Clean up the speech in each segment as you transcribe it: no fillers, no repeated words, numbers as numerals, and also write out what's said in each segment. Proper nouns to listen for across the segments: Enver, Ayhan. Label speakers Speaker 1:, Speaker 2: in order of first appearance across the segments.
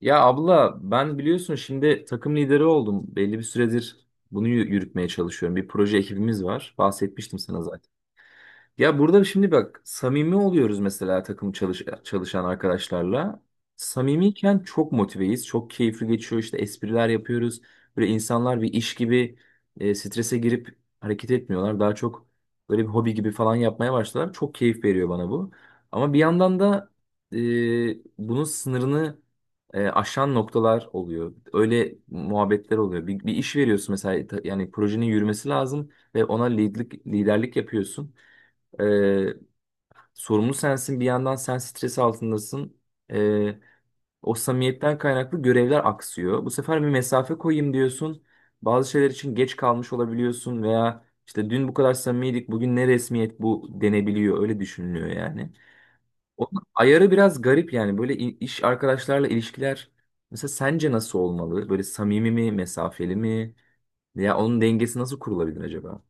Speaker 1: Ya abla ben biliyorsun şimdi takım lideri oldum. Belli bir süredir bunu yürütmeye çalışıyorum. Bir proje ekibimiz var. Bahsetmiştim sana zaten. Ya burada şimdi bak samimi oluyoruz mesela takım çalışan arkadaşlarla. Samimiyken çok motiveyiz. Çok keyifli geçiyor. İşte espriler yapıyoruz. Böyle insanlar bir iş gibi strese girip hareket etmiyorlar. Daha çok böyle bir hobi gibi falan yapmaya başladılar. Çok keyif veriyor bana bu. Ama bir yandan da e, bunun sınırını aşan noktalar oluyor. Öyle muhabbetler oluyor. Bir iş veriyorsun mesela yani projenin yürümesi lazım ve ona liderlik yapıyorsun. Ee, Sorumlu sensin, bir yandan sen stres altındasın. Ee, O samimiyetten kaynaklı görevler aksıyor. Bu sefer bir mesafe koyayım diyorsun. Bazı şeyler için geç kalmış olabiliyorsun veya işte dün bu kadar samimiydik bugün ne resmiyet bu denebiliyor, öyle düşünülüyor yani. Onun ayarı biraz garip yani, böyle iş arkadaşlarla ilişkiler mesela sence nasıl olmalı? Böyle samimi mi, mesafeli mi, veya onun dengesi nasıl kurulabilir acaba?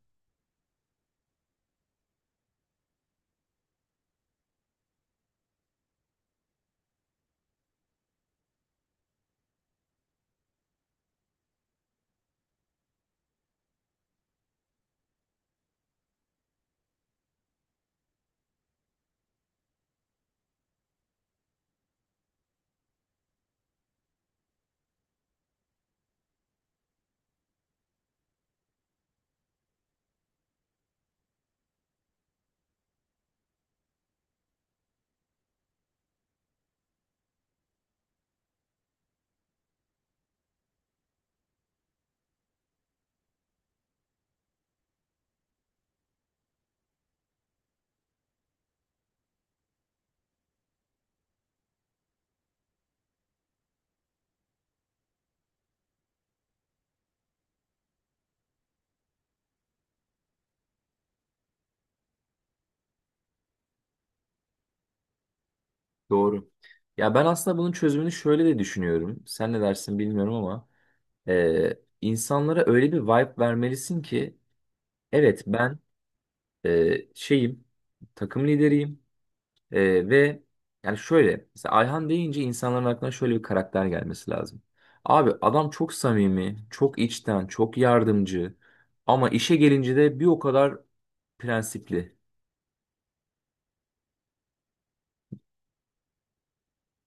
Speaker 1: Doğru. Ya ben aslında bunun çözümünü şöyle de düşünüyorum. Sen ne dersin bilmiyorum ama insanlara öyle bir vibe vermelisin ki evet ben şeyim, takım lideriyim ve yani şöyle mesela Ayhan deyince insanların aklına şöyle bir karakter gelmesi lazım. Abi adam çok samimi, çok içten, çok yardımcı ama işe gelince de bir o kadar prensipli.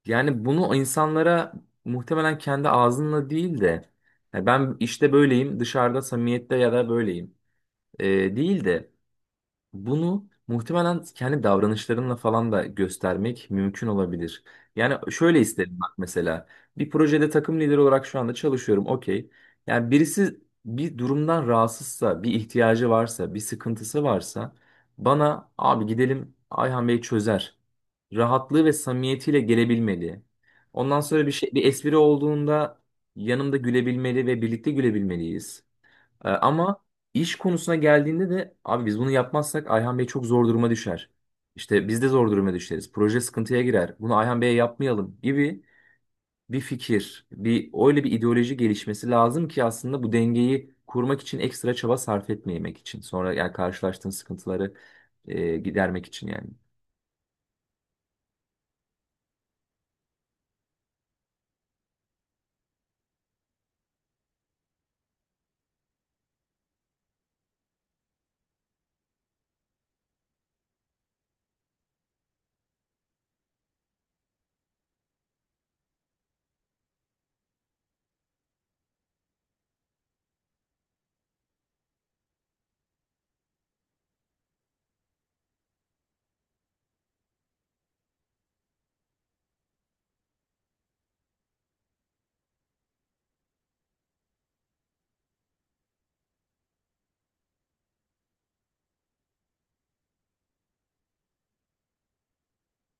Speaker 1: Yani bunu insanlara muhtemelen kendi ağzınla değil de, "Ya ben işte böyleyim dışarıda samimiyette ya da böyleyim değil de bunu muhtemelen kendi davranışlarınla falan da göstermek mümkün olabilir. Yani şöyle isterim bak mesela. Bir projede takım lideri olarak şu anda çalışıyorum. Okey. Yani birisi bir durumdan rahatsızsa, bir ihtiyacı varsa, bir sıkıntısı varsa bana abi gidelim Ayhan Bey çözer. Rahatlığı ve samimiyetiyle gelebilmeli. Ondan sonra bir şey, bir espri olduğunda yanımda gülebilmeli ve birlikte gülebilmeliyiz. Ama iş konusuna geldiğinde de abi biz bunu yapmazsak Ayhan Bey çok zor duruma düşer. İşte biz de zor duruma düşeriz. Proje sıkıntıya girer. Bunu Ayhan Bey'e yapmayalım gibi bir fikir, bir öyle bir ideoloji gelişmesi lazım ki aslında bu dengeyi kurmak için ekstra çaba sarf etmemek için. Sonra yani karşılaştığın sıkıntıları gidermek için yani.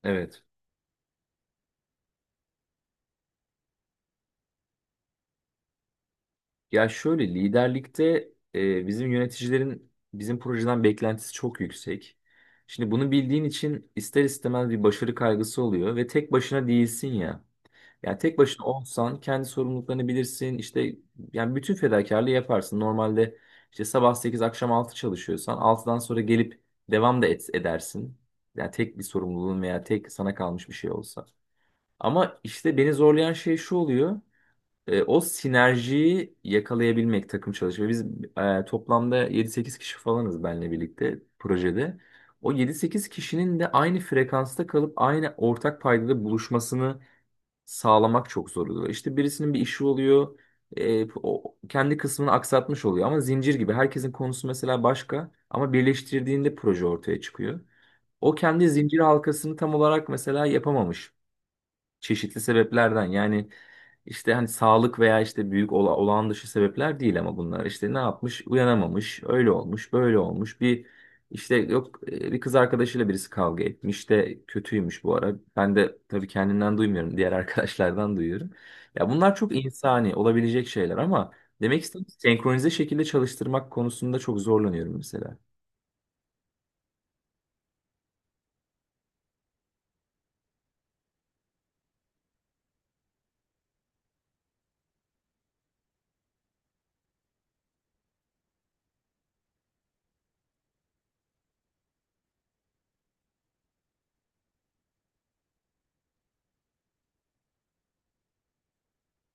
Speaker 1: Evet. Ya şöyle liderlikte bizim yöneticilerin bizim projeden beklentisi çok yüksek. Şimdi bunu bildiğin için ister istemez bir başarı kaygısı oluyor ve tek başına değilsin ya. Yani tek başına olsan kendi sorumluluklarını bilirsin işte, yani bütün fedakarlığı yaparsın. Normalde işte sabah 8 akşam 6 çalışıyorsan altıdan sonra gelip devam edersin. Yani tek bir sorumluluğun veya tek sana kalmış bir şey olsa. Ama işte beni zorlayan şey şu oluyor. O sinerjiyi yakalayabilmek, takım çalışma. Biz toplamda yedi sekiz kişi falanız benle birlikte projede. O yedi sekiz kişinin de aynı frekansta kalıp aynı ortak paydada buluşmasını sağlamak çok zor oluyor. İşte birisinin bir işi oluyor. O kendi kısmını aksatmış oluyor ama zincir gibi. Herkesin konusu mesela başka ama birleştirdiğinde proje ortaya çıkıyor. O kendi zincir halkasını tam olarak mesela yapamamış çeşitli sebeplerden, yani işte hani sağlık veya işte büyük olağan dışı sebepler değil ama bunlar işte ne yapmış, uyanamamış, öyle olmuş böyle olmuş, bir işte yok bir kız arkadaşıyla birisi kavga etmiş de kötüymüş bu ara, ben de tabii kendimden duymuyorum diğer arkadaşlardan duyuyorum. Ya bunlar çok insani olabilecek şeyler ama demek istediğim senkronize şekilde çalıştırmak konusunda çok zorlanıyorum mesela.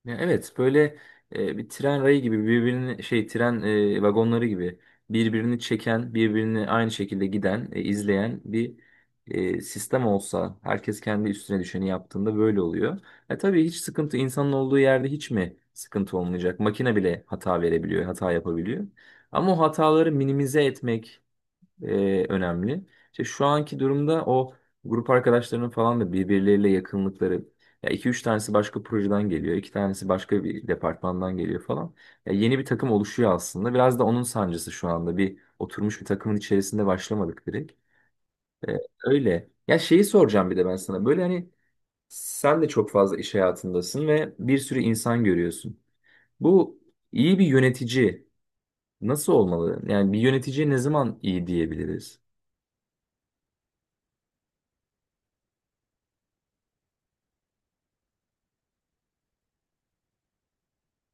Speaker 1: Ya evet, böyle bir tren rayı gibi birbirini şey, tren vagonları gibi birbirini çeken, birbirini aynı şekilde giden izleyen bir sistem olsa, herkes kendi üstüne düşeni yaptığında böyle oluyor. E tabii hiç sıkıntı, insanın olduğu yerde hiç mi sıkıntı olmayacak? Makine bile hata verebiliyor, hata yapabiliyor. Ama o hataları minimize etmek önemli. İşte şu anki durumda o grup arkadaşlarının falan da birbirleriyle yakınlıkları. Ya iki üç tanesi başka projeden geliyor, iki tanesi başka bir departmandan geliyor falan. Ya yeni bir takım oluşuyor aslında. Biraz da onun sancısı şu anda. Bir oturmuş bir takımın içerisinde başlamadık direkt. E, Öyle. Ya şeyi soracağım bir de ben sana. Böyle hani sen de çok fazla iş hayatındasın ve bir sürü insan görüyorsun. Bu iyi bir yönetici nasıl olmalı? Yani bir yöneticiye ne zaman iyi diyebiliriz?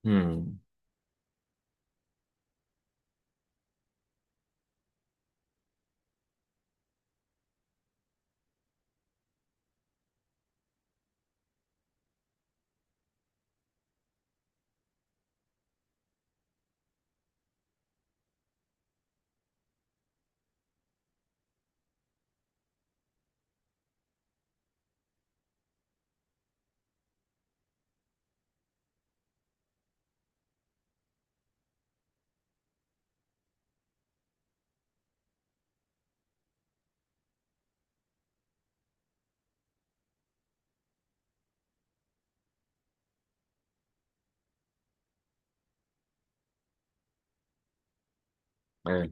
Speaker 1: Hmm. Evet.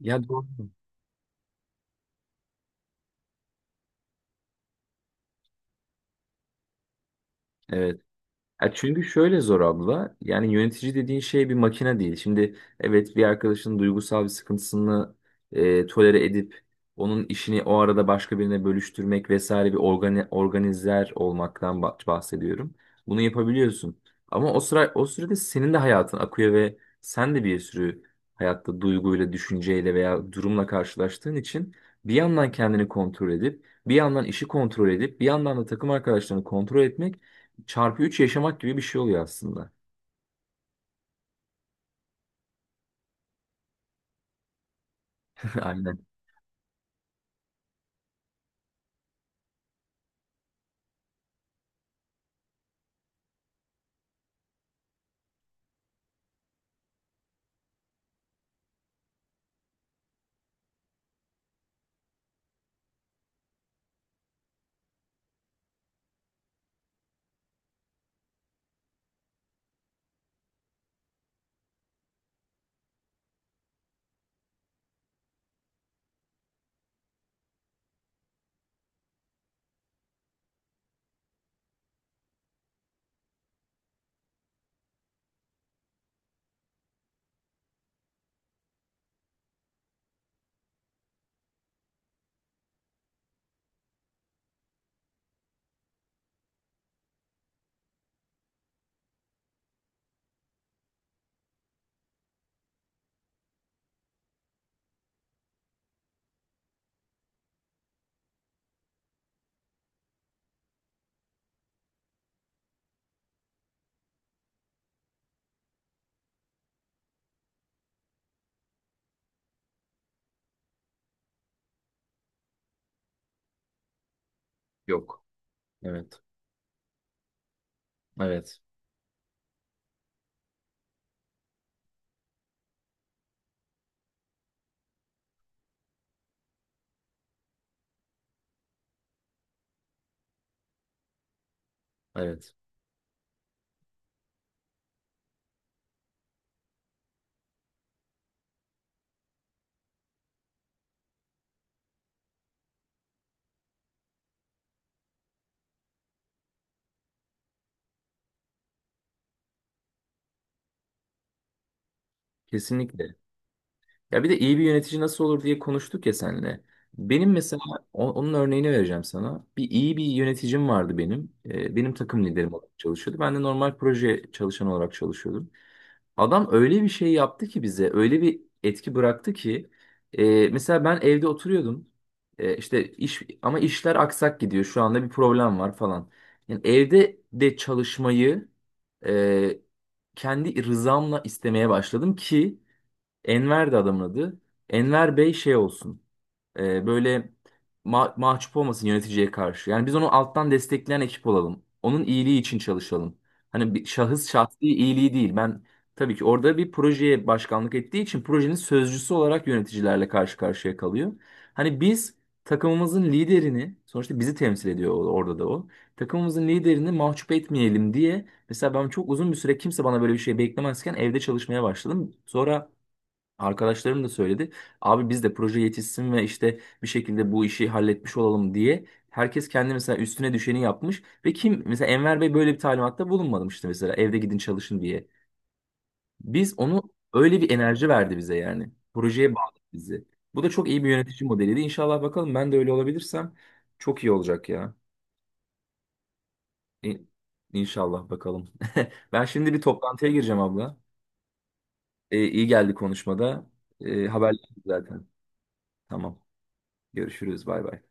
Speaker 1: Ya doğru. Evet. Ya çünkü şöyle zor abla. Yani yönetici dediğin şey bir makine değil. Şimdi evet, bir arkadaşın duygusal bir sıkıntısını tolere edip onun işini o arada başka birine bölüştürmek vesaire, bir organizer olmaktan bahsediyorum. Bunu yapabiliyorsun. Ama o sıra, o sürede senin de hayatın akıyor ve sen de bir sürü hayatta duyguyla, düşünceyle veya durumla karşılaştığın için bir yandan kendini kontrol edip, bir yandan işi kontrol edip, bir yandan da takım arkadaşlarını kontrol etmek çarpı 3 yaşamak gibi bir şey oluyor aslında. Aynen. Yok. Evet. Evet. Evet. Kesinlikle. Ya bir de iyi bir yönetici nasıl olur diye konuştuk ya seninle. Benim mesela onun örneğini vereceğim sana. Bir iyi bir yöneticim vardı benim. Benim takım liderim olarak çalışıyordu. Ben de normal proje çalışan olarak çalışıyordum. Adam öyle bir şey yaptı ki bize, öyle bir etki bıraktı ki mesela ben evde oturuyordum. E, işte iş, ama işler aksak gidiyor. Şu anda bir problem var falan. Yani evde de çalışmayı e, kendi rızamla istemeye başladım ki Enver de adamın adı. Enver Bey şey olsun. Böyle mahcup olmasın yöneticiye karşı. Yani biz onu alttan destekleyen ekip olalım. Onun iyiliği için çalışalım. Hani bir şahsi iyiliği değil. Ben tabii ki orada bir projeye başkanlık ettiği için projenin sözcüsü olarak yöneticilerle karşı karşıya kalıyor. Hani biz, takımımızın liderini, sonuçta bizi temsil ediyor orada da o. Takımımızın liderini mahcup etmeyelim diye mesela ben çok uzun bir süre kimse bana böyle bir şey beklemezken evde çalışmaya başladım. Sonra arkadaşlarım da söyledi. Abi biz de proje yetişsin ve işte bir şekilde bu işi halletmiş olalım diye. Herkes kendi mesela üstüne düşeni yapmış ve kim mesela Enver Bey böyle bir talimatta bulunmadım işte mesela evde gidin çalışın diye. Biz onu, öyle bir enerji verdi bize yani. Projeye bağladı bizi. Bu da çok iyi bir yönetici modeliydi. İnşallah bakalım, ben de öyle olabilirsem çok iyi olacak ya. İ- İnşallah bakalım. Ben şimdi bir toplantıya gireceğim abla. İyi geldi konuşmada. Haberleşiriz zaten. Tamam. Görüşürüz. Bay bay.